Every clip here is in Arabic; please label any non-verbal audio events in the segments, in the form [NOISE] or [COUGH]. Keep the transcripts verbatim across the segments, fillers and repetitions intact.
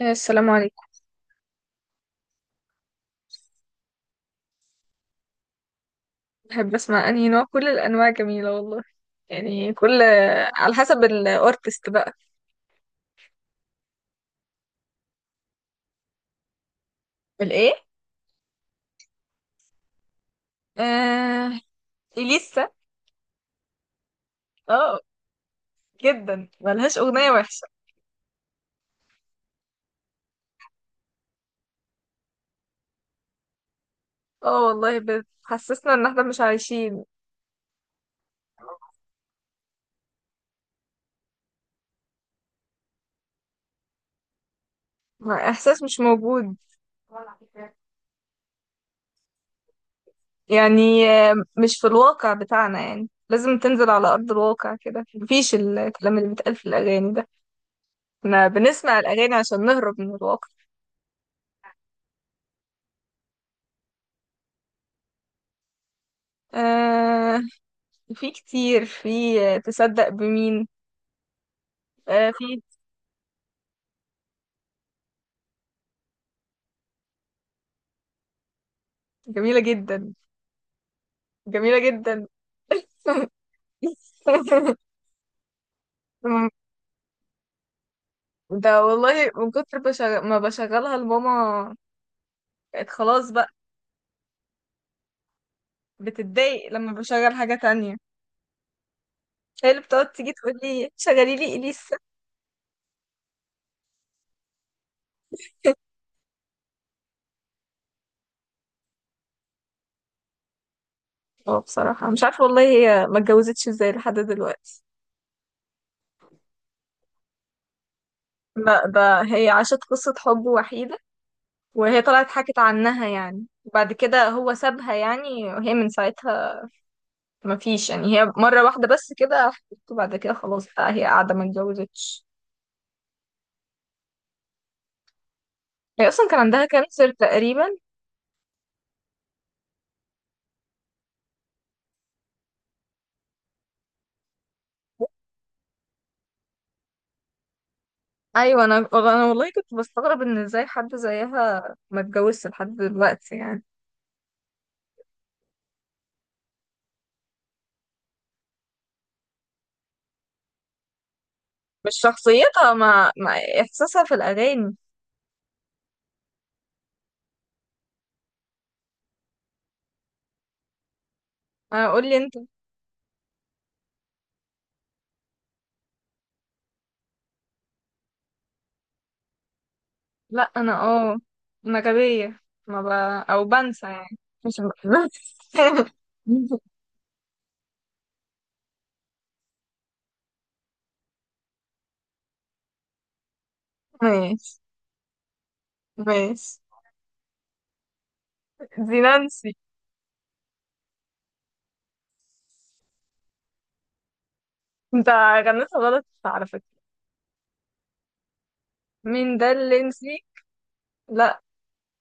آه، السلام عليكم. بحب اسمع انهي نوع، كل الانواع جميله والله، يعني كل على حسب الارتست بقى. الايه؟ آه... اليسا. اه، جدا ملهاش اغنيه وحشه. اه والله، بتحسسنا ان احنا مش عايشين. احساس مش موجود. يعني آه، مش في الواقع بتاعنا، يعني لازم تنزل على ارض الواقع كده، مفيش الكلام اللي بيتقال في الاغاني ده. احنا بنسمع الاغاني عشان نهرب من الواقع. آه... في كتير، في تصدق بمين. آه في. جميلة جدا، جميلة جدا. [LAUGHS] ده والله من كتر بشغ... ما بشغلها لماما. بقت خلاص بقى. بتتضايق لما بشغل حاجة تانية، هي اللي بتقعد تيجي تقول لي شغلي لي إليسا. [LAUGHS] اه، بصراحة مش عارفة والله، هي ما اتجوزتش ازاي لحد دلوقتي. لا، ده هي عاشت قصة حب وحيدة، وهي طلعت حكت عنها يعني. بعد كده هو سابها يعني، وهي من ساعتها ما فيش، يعني هي مرة واحدة بس كده حبيبته، بعد كده خلاص بقى هي قاعدة ما اتجوزتش. هي أصلا كان عندها كانسر تقريبا. أيوة، أنا أنا والله كنت بستغرب إن إزاي حد زيها ما اتجوزش لحد دلوقتي يعني. مش شخصيتها مع, مع إحساسها في الأغاني. أنا أقول لي أنت. لأ، أنا. أه أنا غبية. ما ب... أو بنسى يعني. مش ب... [LAUGHS] ماشي، ماشي. دي نانسي. أنت غنيتها غلط على فكرة. مين ده اللي نسي؟ لا.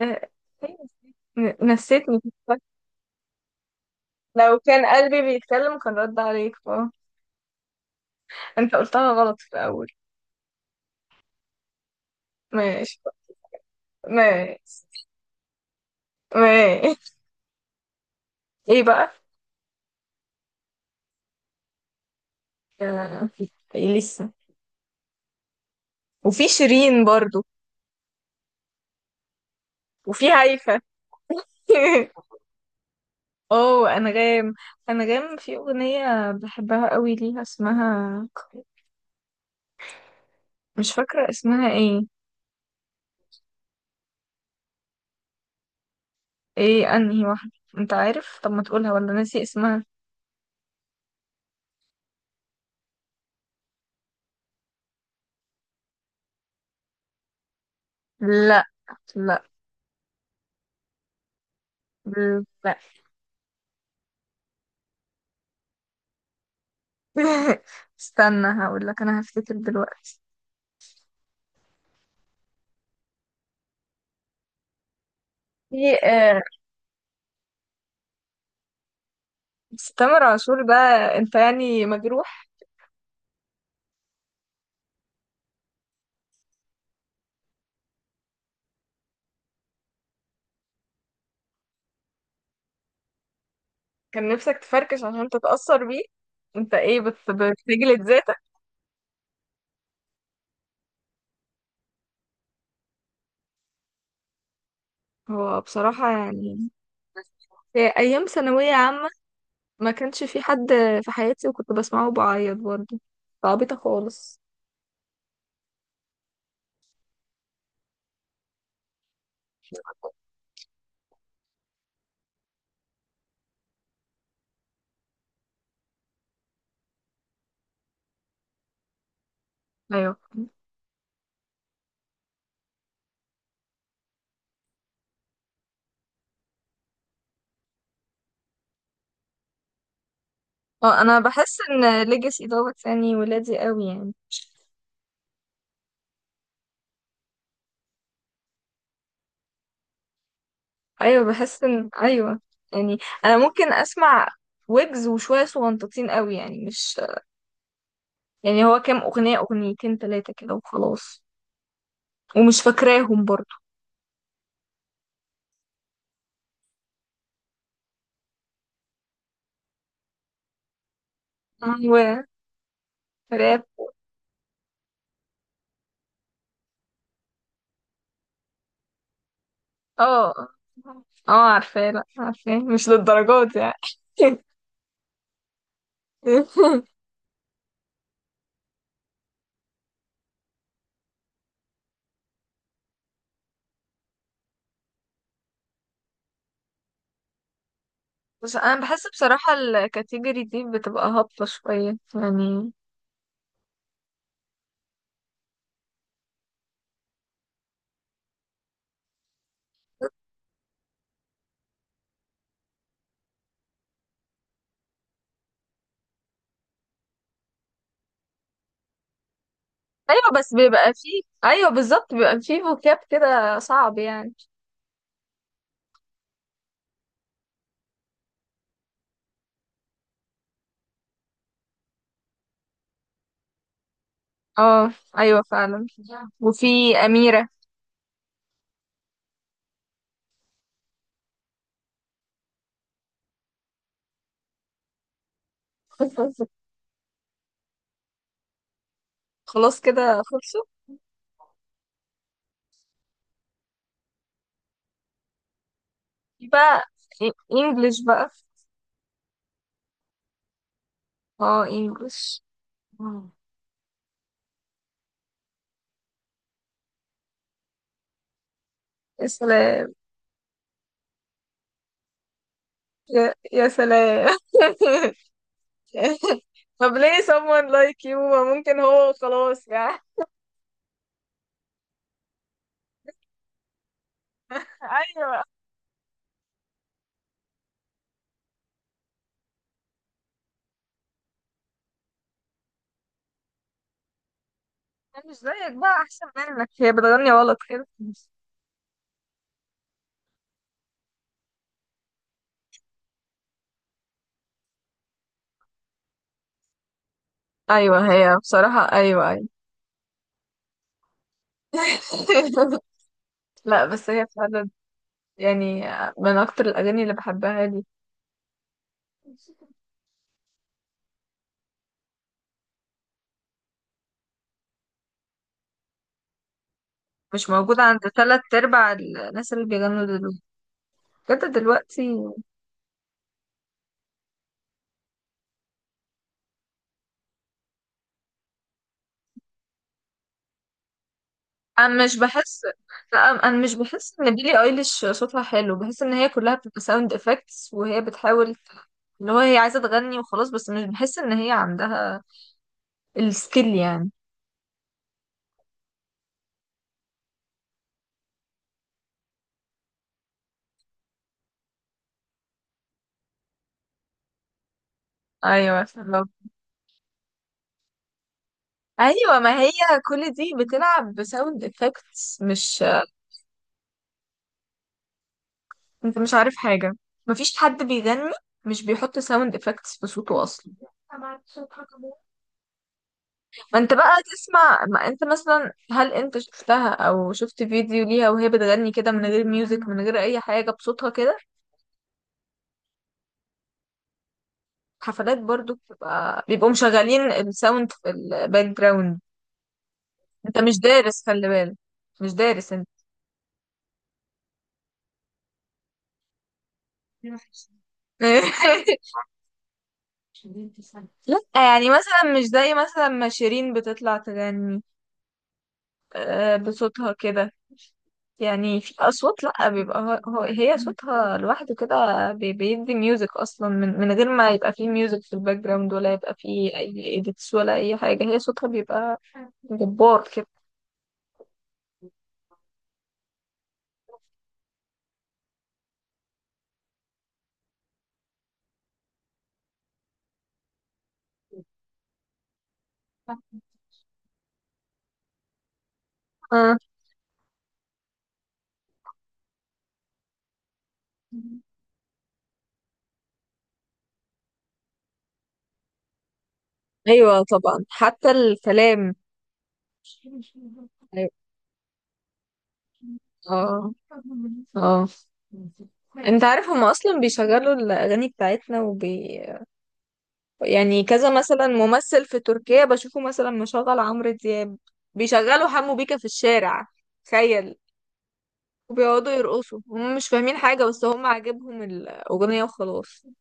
آه. إيه، ن- نسيتني في الفرق. لو كان قلبي بيتكلم كان رد عليك، اه. انت قلتها غلط في الأول. ماشي، ماشي، ماشي. ايه بقى؟ آه، ايه لسه. وفي شيرين برضو، وفي هيفا. [LAUGHS] اوه، انغام. انغام في اغنية بحبها قوي ليها اسمها، مش فاكرة اسمها ايه. ايه، انهي واحدة؟ انت عارف؟ طب ما تقولها، ولا ناسي اسمها؟ لا، لا، لا. [LAUGHS] استنى، هقول لك، انا هفتكر دلوقتي. في. آه، بس تامر عاشور ده، انت يعني مجروح؟ كان نفسك تفركش عشان تتأثر بيه؟ انت ايه، بت- بتجلد ذاتك؟ هو بصراحة يعني، في ايام ثانوية عامة ما كانش في حد في حياتي، وكنت بسمعه وبعيط برضه، فعبيطة خالص. ايوه. اه، انا بحس ان ليجاسي دوت يعني ولادي قوي يعني. ايوه، بحس ان، ايوه يعني. انا ممكن اسمع ويجز وشويه صغنططين قوي يعني، مش يعني، هو كام اغنيه، اغنيتين ثلاثه كده وخلاص. ومش فاكراهم برضو. ايوه، راب. اه، اه. آه، عارفاه. لا، عارفاه مش للدرجات يعني. [LAUGHS] بس انا بحس بصراحه، الكاتيجوري دي بتبقى هابطه شويه يعني. ايوه، بس بيبقى فيه، ايوه بالظبط، بيبقى فيه فوكاب كده صعب يعني. اه، ايوه فعلا. وفي اميره. بس خلاص كده، خلصوا. في بقى انجلش بقى. اه، انجلش. آه. يا سلام. يا, يا سلام. [LAUGHS] طب ليه someone like you؟ ما ممكن هو خلاص يعني. [LAUGHS] ايوه، أنا مش زيك بقى احسن منك، هي بتغني غلط كده. ايوه، هي بصراحة، ايوه، ايوه. [LAUGHS] لا بس هي فعلا يعني، من اكتر الاغاني اللي بحبها لي. مش موجودة عند تلات ارباع الناس اللي بيغنوا دلوقتي، بجد دلوقتي. انا مش بحس. لا، انا أنا مش بحس ان بيلي ايليش صوتها حلو، بحس ان هي كلها بتبقى ساوند افكتس وهي بتحاول، اللي هو هي عايزه تغني وخلاص، بس مش بحس ان هي عندها السكيل يعني. ايوه، فهمت. ايوه، ما هي كل دي بتلعب بساوند افكتس، مش... انت مش عارف حاجه. مفيش حد بيغني مش بيحط ساوند افكتس في صوته اصلا. ما انت بقى تسمع، ما انت مثلا، هل انت شفتها او شفت فيديو ليها وهي بتغني كده من غير ميوزك، من غير اي حاجة بصوتها كده؟ حفلات برضو بتبقى، بيبقوا مشغلين الساوند في الباك جراوند. انت مش دارس، خلي بالك، مش دارس انت. [LAUGHS] لا يعني مثلا، مش زي مثلا ما شيرين بتطلع تغني آه، بصوتها كده. يعني في أصوات، لأ، بيبقى هو هو- هي صوتها لوحده كده. بي- بيدي ميوزك أصلا من, من غير ما يبقى فيه ميوزك في الباك جراوند، ولا يبقى فيه أي إيديتس ولا أي حاجة. هي صوتها بيبقى جبار كده. اه، أيوة طبعا، حتى الكلام. أيوة. اه، اه، انت عارف هما اصلا بيشغلوا الاغاني بتاعتنا، وبي... يعني كذا مثلا ممثل في تركيا بشوفه مثلا مشغل عمرو دياب. بيشغلوا حمو بيكا في الشارع. تخيل. وبيقعدوا يرقصوا، هم مش فاهمين حاجة، بس هم عاجبهم الأغنية وخلاص. إن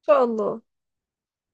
شاء الله.